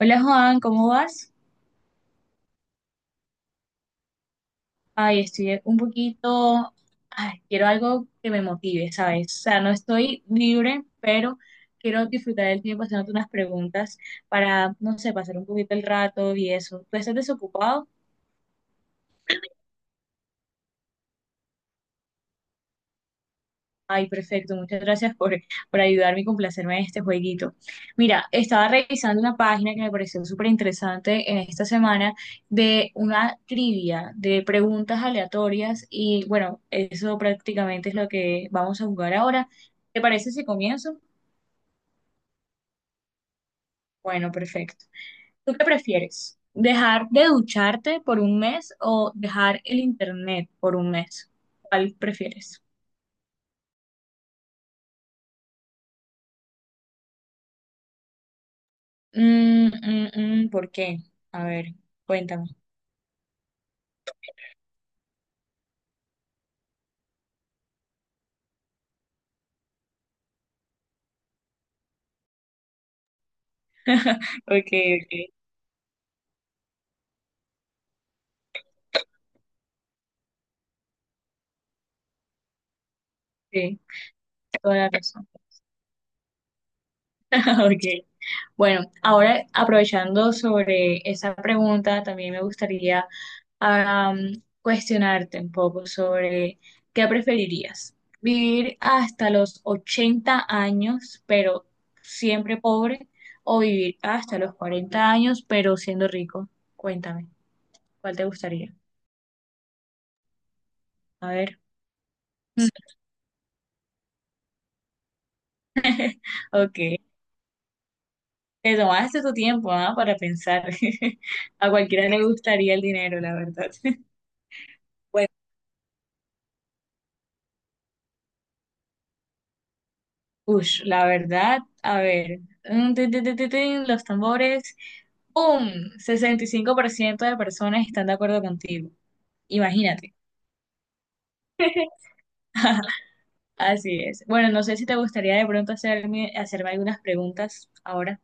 Hola Juan, ¿cómo vas? Ay, estoy un poquito, ay, quiero algo que me motive, ¿sabes? O sea, no estoy libre, pero quiero disfrutar del tiempo haciéndote unas preguntas para, no sé, pasar un poquito el rato y eso. ¿Tú estás desocupado? Ay, perfecto, muchas gracias por ayudarme y complacerme en este jueguito. Mira, estaba revisando una página que me pareció súper interesante en esta semana de una trivia de preguntas aleatorias y bueno, eso prácticamente es lo que vamos a jugar ahora. ¿Te parece si comienzo? Bueno, perfecto. ¿Tú qué prefieres? ¿Dejar de ducharte por un mes o dejar el internet por un mes? ¿Cuál prefieres? Mm, mm, ¿Por qué? A ver, cuéntame. Ok, ok, sí, toda la razón. Ok, bueno, ahora aprovechando sobre esa pregunta, también me gustaría cuestionarte un poco sobre qué preferirías, vivir hasta los 80 años, pero siempre pobre, o vivir hasta los 40 años, pero siendo rico. Cuéntame, ¿cuál te gustaría? A ver. Ok. Te tomaste tu tiempo, ¿ah? Para pensar. A cualquiera le gustaría el dinero, la verdad. Bueno, ush, la verdad, a ver. Mm, tin, tin, tin, tin, tin, los tambores. ¡Pum! 65% de personas están de acuerdo contigo. Imagínate. Así es. Bueno, no sé si te gustaría de pronto hacerme algunas preguntas ahora.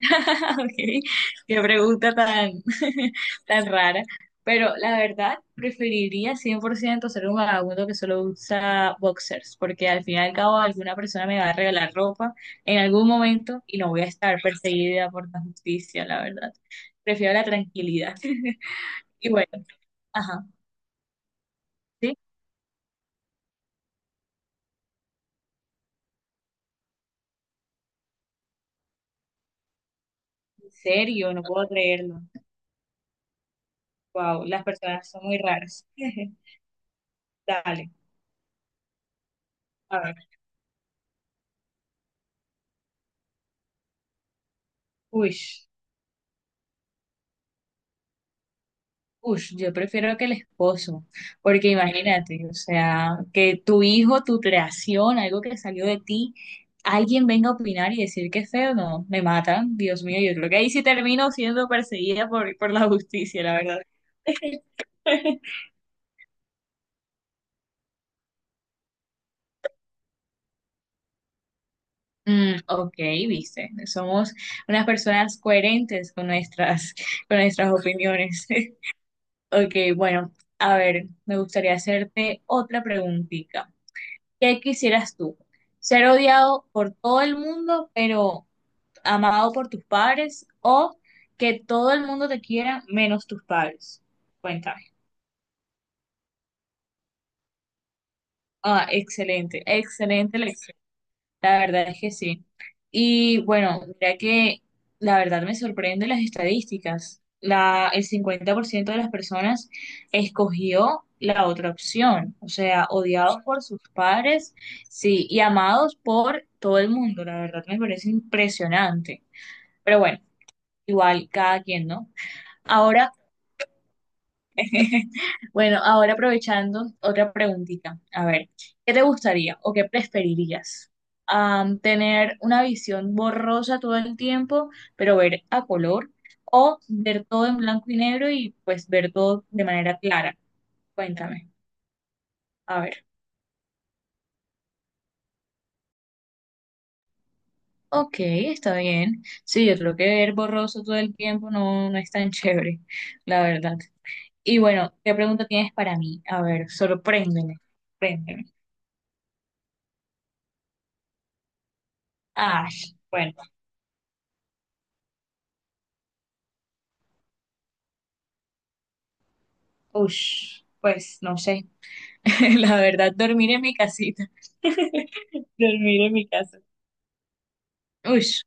Okay. Qué pregunta tan, tan rara. Pero la verdad, preferiría 100% ser un vagabundo que solo usa boxers, porque al fin y al cabo alguna persona me va a regalar ropa en algún momento y no voy a estar perseguida por la justicia, la verdad. Prefiero la tranquilidad. Y bueno, ajá, ¿sí? En serio, no puedo creerlo. Wow, las personas son muy raras. Dale, a ver. Uy. Ush, yo prefiero que el esposo, porque imagínate, o sea, que tu hijo, tu creación, algo que salió de ti, alguien venga a opinar y decir que es feo, no, me matan, Dios mío, yo creo que ahí sí termino siendo perseguida por la justicia, la verdad. Mm, ok, viste, somos unas personas coherentes con con nuestras opiniones. Ok, bueno, a ver, me gustaría hacerte otra preguntita. ¿Qué quisieras tú? ¿Ser odiado por todo el mundo, pero amado por tus padres? ¿O que todo el mundo te quiera menos tus padres? Cuéntame. Ah, excelente, excelente elección. La verdad es que sí. Y bueno, mira que la verdad me sorprende las estadísticas. La, el 50% de las personas escogió la otra opción, o sea, odiados por sus padres, sí, y amados por todo el mundo. La verdad me parece impresionante. Pero bueno, igual cada quien, ¿no? Ahora bueno, ahora aprovechando otra preguntita. A ver, ¿qué te gustaría o qué preferirías? ¿Tener una visión borrosa todo el tiempo, pero ver a color? ¿O ver todo en blanco y negro y pues ver todo de manera clara? Cuéntame. A ver. Ok, está bien. Sí, yo creo que ver borroso todo el tiempo no, no es tan chévere, la verdad. Y bueno, ¿qué pregunta tienes para mí? A ver, sorpréndeme. Sorpréndeme. Ah, bueno. Ush, pues no sé. La verdad, dormir en mi casita. Dormir en mi casa. Ush,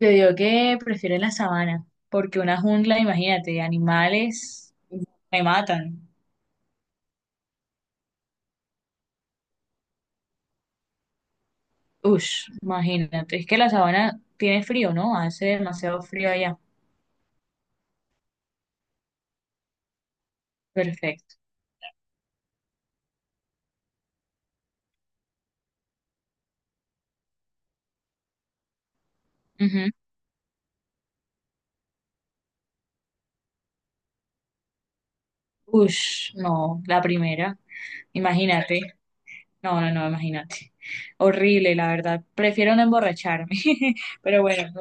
yo digo que prefiero la sabana, porque una jungla, imagínate, animales me matan. Ush, imagínate. Es que la sabana tiene frío, ¿no? Hace demasiado frío allá. Perfecto. Ujú. Ush, no, la primera. Imagínate. No, no, no, imagínate. Horrible, la verdad. Prefiero no emborracharme. Pero bueno,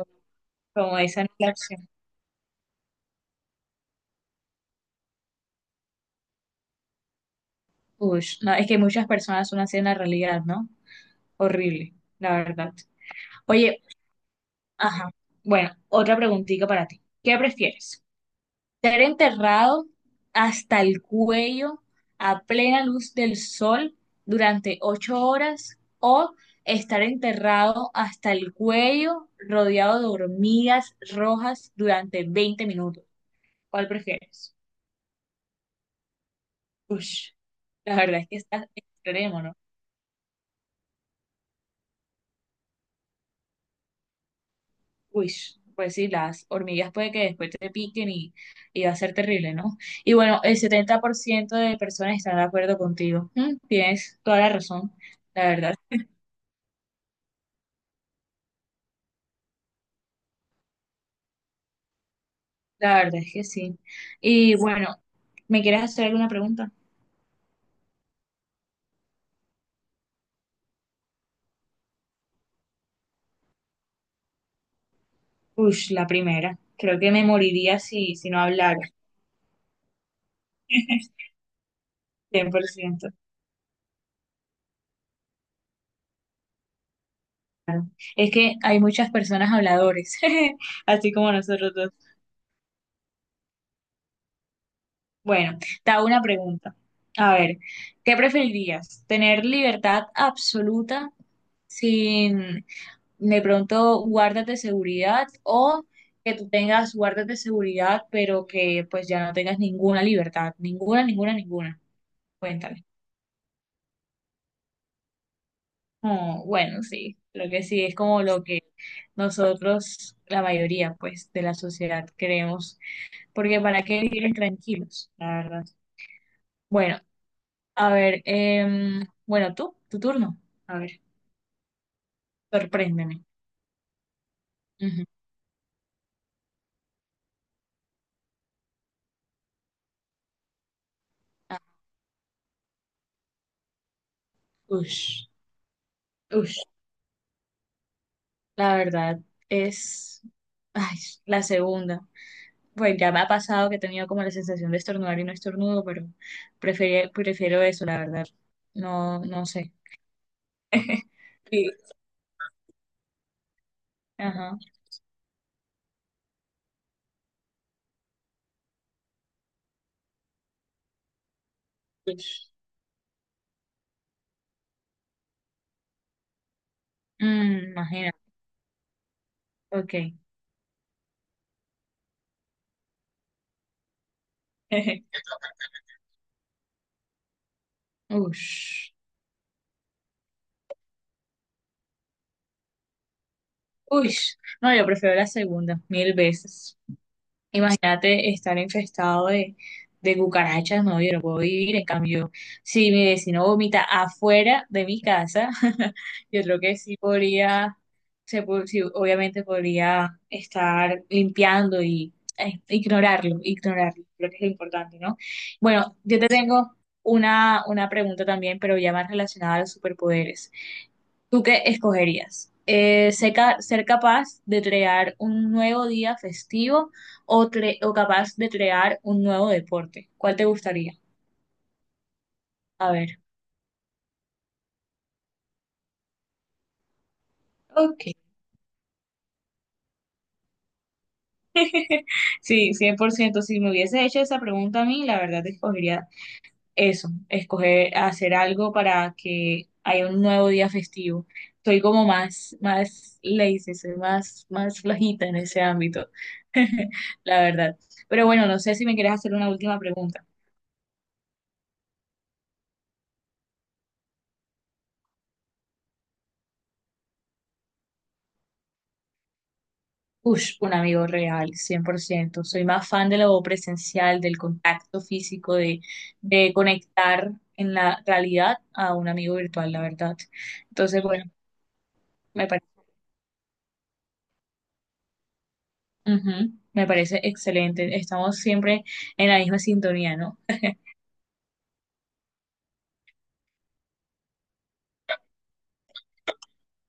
como esa no es la opción. Ush, no, es que muchas personas son así en la realidad, ¿no? Horrible, la verdad. Oye, ajá. Bueno, otra preguntita para ti. ¿Qué prefieres? ¿Ser enterrado hasta el cuello a plena luz del sol durante 8 horas o estar enterrado hasta el cuello rodeado de hormigas rojas durante 20 minutos? ¿Cuál prefieres? Ush, la verdad es que está extremo, ¿no? Uy, pues sí, las hormigas puede que después te piquen y va a ser terrible, ¿no? Y bueno, el 70% de personas están de acuerdo contigo. Tienes toda la razón, la verdad, la verdad es que sí. Y bueno, ¿me quieres hacer alguna pregunta? Uy, la primera. Creo que me moriría si no hablara. 100%. Es que hay muchas personas habladores, así como nosotros dos. Bueno, te hago una pregunta. A ver, ¿qué preferirías? ¿Tener libertad absoluta sin de pronto guardas de seguridad o que tú tengas guardas de seguridad pero que pues ya no tengas ninguna libertad? Ninguna, ninguna, ninguna. Cuéntale. Oh, bueno, sí, lo que sí, es como lo que nosotros, la mayoría pues de la sociedad queremos, porque ¿para qué vivir tranquilos? La verdad. Bueno. A ver, bueno, tú, tu turno. A ver, sorpréndeme. Ujú. Ush, ush. La verdad es, ay, la segunda. Pues ya me ha pasado que he tenido como la sensación de estornudar y no estornudo, pero prefiero eso, la verdad. No, no sé. Sí. Ajá. Mm, imagina. Ok. Ush, ush. No, yo prefiero la segunda, mil veces. Imagínate estar infestado de cucarachas, no, yo no puedo vivir. En cambio, si mi vecino vomita afuera de mi casa, yo creo que sí podría, sí, obviamente podría estar limpiando y ignorarlo, ignorarlo, creo que es lo importante, ¿no? Bueno, yo te tengo una pregunta también, pero ya más relacionada a los superpoderes. ¿Tú qué escogerías? Ser capaz de crear un nuevo día festivo o capaz de crear un nuevo deporte. ¿Cuál te gustaría? A ver. Ok. Sí, 100%. Si me hubiese hecho esa pregunta a mí, la verdad escogería eso, escoger hacer algo para que haya un nuevo día festivo. Soy como más, más lazy, soy más, más flojita en ese ámbito, la verdad. Pero bueno, no sé si me quieres hacer una última pregunta. Ush, un amigo real, 100%. Soy más fan de lo presencial, del contacto físico, de, conectar en la realidad a un amigo virtual, la verdad. Entonces, bueno, me parece, me parece excelente. Estamos siempre en la misma sintonía, ¿no?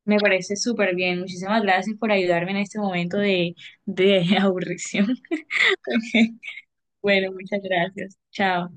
Me parece súper bien. Muchísimas gracias por ayudarme en este momento de, aburrición. Bueno, muchas gracias. Chao.